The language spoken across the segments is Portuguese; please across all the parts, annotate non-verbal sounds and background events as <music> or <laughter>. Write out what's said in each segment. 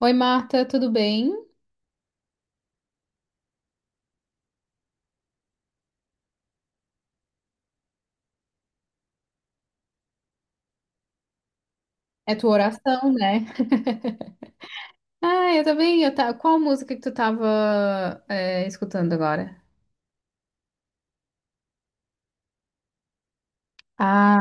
Oi, Marta, tudo bem? É tua oração, né? <laughs> Ah, eu também. Qual música que tu tava escutando agora? Ah,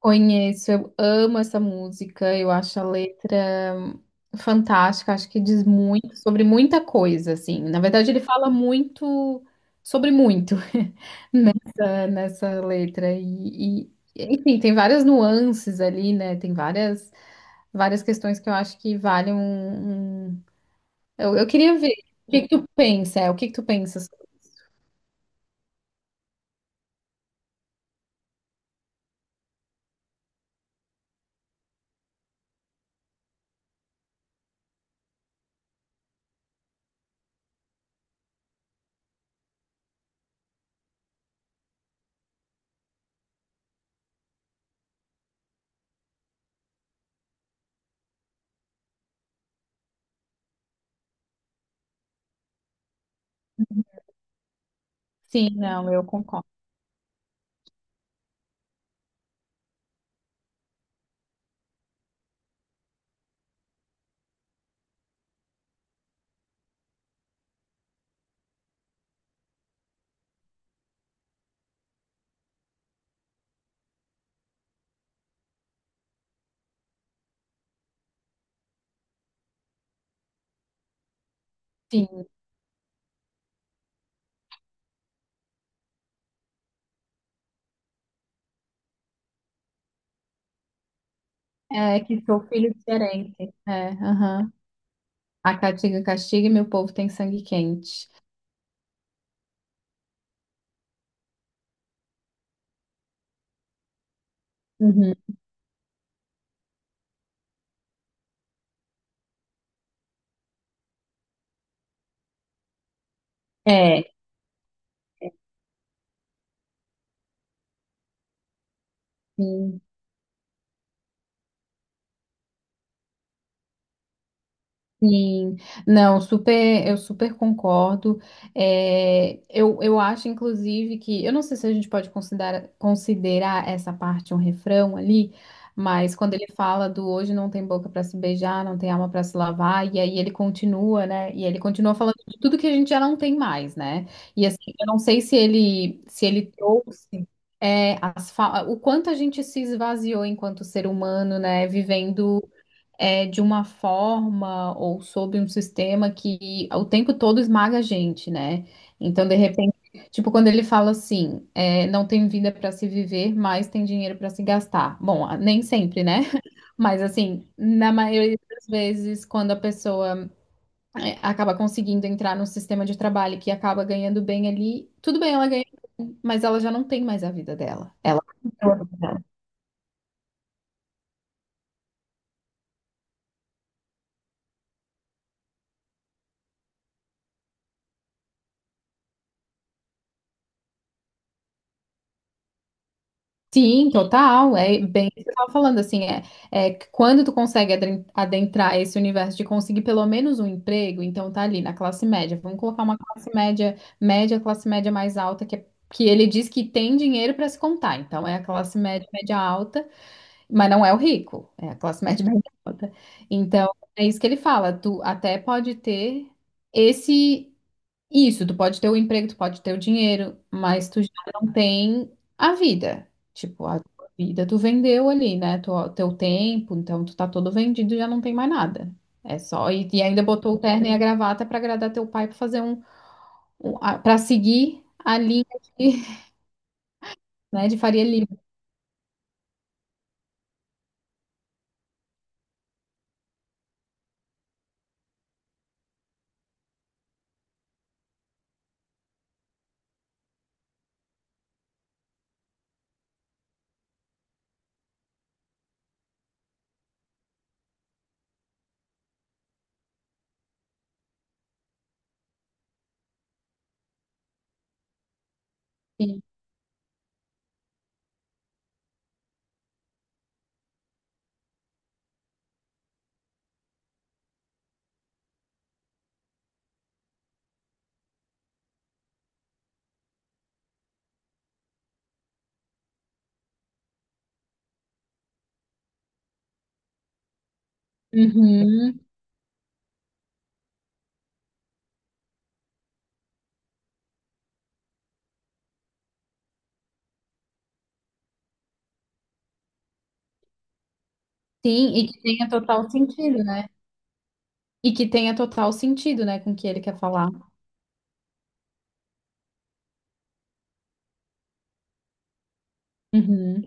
conheço. Eu amo essa música. Eu acho a letra fantástica. Acho que diz muito sobre muita coisa, assim. Na verdade, ele fala muito sobre muito <laughs> nessa letra. Enfim, tem várias nuances ali, né? Tem várias, várias questões que eu acho que valem. Eu queria ver o que que tu pensa, o que que tu pensas. Sim, não, eu concordo. Sim, é que sou filho diferente. É, aham. A caatinga castiga e meu povo tem sangue quente. Uhum. É, sim. Sim, não, super, eu super concordo. É, eu acho, inclusive, que eu não sei se a gente pode considerar essa parte um refrão ali, mas quando ele fala do hoje não tem boca para se beijar, não tem alma para se lavar, e aí ele continua, né? E ele continua falando de tudo que a gente já não tem mais, né? E assim, eu não sei se ele se ele trouxe o quanto a gente se esvaziou enquanto ser humano, né? Vivendo de uma forma ou sob um sistema que o tempo todo esmaga a gente, né? Então, de repente, tipo, quando ele fala assim, não tem vida para se viver, mas tem dinheiro para se gastar. Bom, nem sempre, né? <laughs> Mas assim, na maioria das vezes, quando a pessoa acaba conseguindo entrar no sistema de trabalho que acaba ganhando bem ali, tudo bem, ela ganha, bem, mas ela já não tem mais a vida dela. Ela. Sim, total. É bem o que você estava falando, assim, é que quando tu consegue adentrar esse universo de conseguir pelo menos um emprego, então tá ali na classe média. Vamos colocar uma classe média, média, classe média mais alta, que, que ele diz que tem dinheiro para se contar. Então é a classe média, média alta, mas não é o rico, é a classe média, <laughs> média alta. Então é isso que ele fala, tu até pode ter esse. Isso, tu pode ter o emprego, tu pode ter o dinheiro, mas tu já não tem a vida. Tipo, a tua vida tu vendeu ali, né? Tu, teu tempo, então tu tá todo vendido e já não tem mais nada. É só. E ainda botou o terno e a gravata pra agradar teu pai, pra fazer um. Pra seguir a linha de, <laughs> né, de Faria Lima. Sim. Uhum. Sim, e que tenha total sentido, né? E que tenha total sentido, né, com o que ele quer falar. Uhum.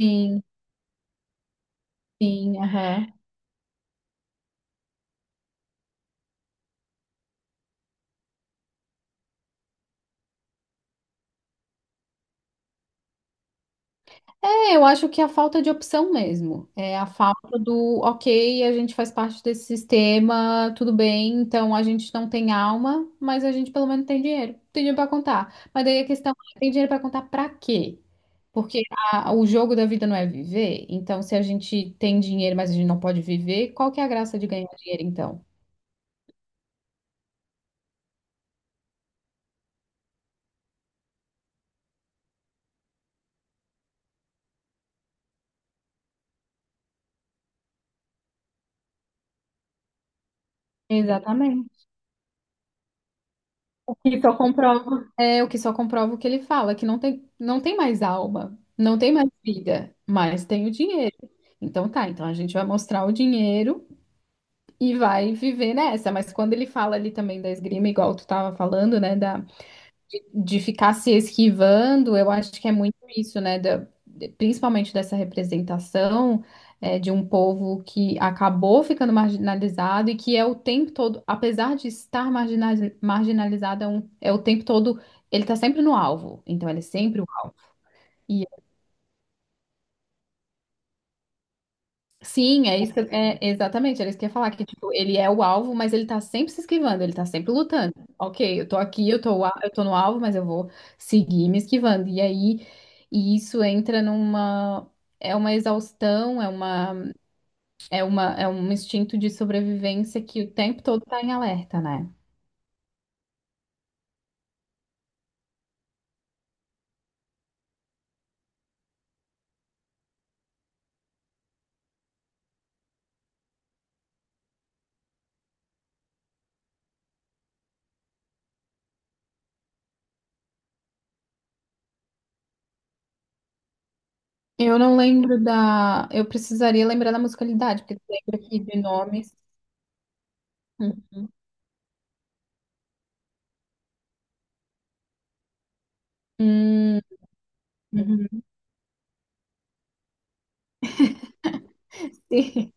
Sim, sim, aham. É, eu acho que é a falta de opção mesmo. É a falta do, ok, a gente faz parte desse sistema, tudo bem, então a gente não tem alma, mas a gente pelo menos tem dinheiro. Tem dinheiro pra contar. Mas daí a questão é, tem dinheiro pra contar pra quê? Porque o jogo da vida não é viver, então se a gente tem dinheiro, mas a gente não pode viver, qual que é a graça de ganhar dinheiro então? Exatamente. O que só comprova. É, o que só comprova o que ele fala, que não tem, não tem mais alma, não tem mais vida, mas tem o dinheiro. Então tá, então a gente vai mostrar o dinheiro e vai viver nessa. Mas quando ele fala ali também da esgrima, igual tu tava falando, né, de ficar se esquivando, eu acho que é muito isso, né? Principalmente dessa representação de um povo que acabou ficando marginalizado e que é o tempo todo, apesar de estar marginalizado, é o tempo todo, ele tá sempre no alvo. Então, ele é sempre o alvo. Sim, é isso que exatamente, era isso que eu ia falar, que tipo, ele é o alvo, mas ele tá sempre se esquivando, ele tá sempre lutando. Ok, eu tô no alvo, mas eu vou seguir me esquivando. E aí, e isso entra é uma exaustão, é uma, é uma, é um instinto de sobrevivência que o tempo todo tá em alerta, né? Eu não lembro da, eu precisaria lembrar da musicalidade, porque tu lembra aqui de nomes. Uhum. Hum, uhum. <laughs>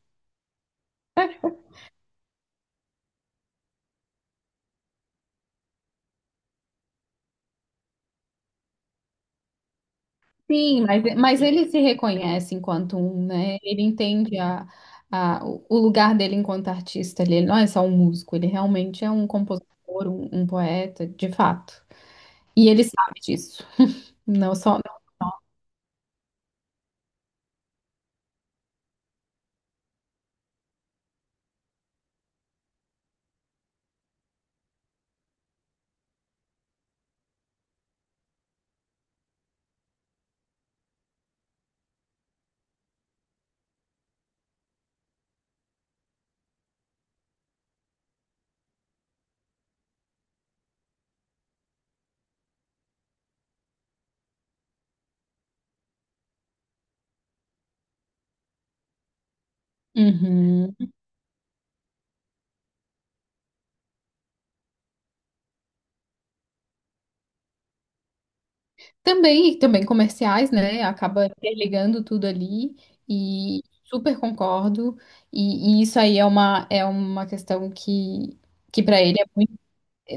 Sim, mas ele se reconhece enquanto um, né? Ele entende o lugar dele enquanto artista. Ele não é só um músico, ele realmente é um compositor, um poeta, de fato. E ele sabe disso. Não só. Uhum. Também, também comerciais, né? Acaba interligando tudo ali e super concordo. E isso aí é uma questão que para ele é muito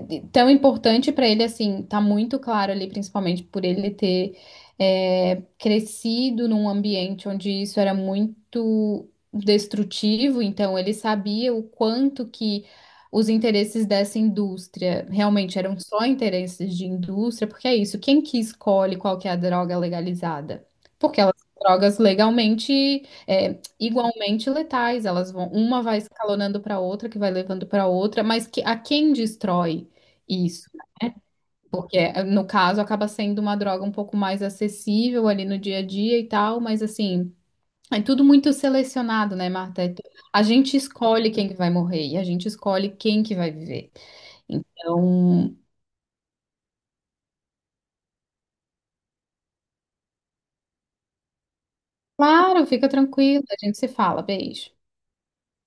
tão importante para ele assim, tá muito claro ali, principalmente por ele ter crescido num ambiente onde isso era muito destrutivo, então ele sabia o quanto que os interesses dessa indústria realmente eram só interesses de indústria, porque é isso, quem que escolhe qual que é a droga legalizada? Porque elas são drogas legalmente igualmente letais. Elas vão, uma vai escalonando para outra, que vai levando para outra, mas que, a quem destrói? Isso, porque no caso acaba sendo uma droga um pouco mais acessível ali no dia a dia e tal, mas assim, é tudo muito selecionado, né, Marta? A gente escolhe quem que vai morrer e a gente escolhe quem que vai viver. Então, claro, fica tranquilo, a gente se fala, beijo.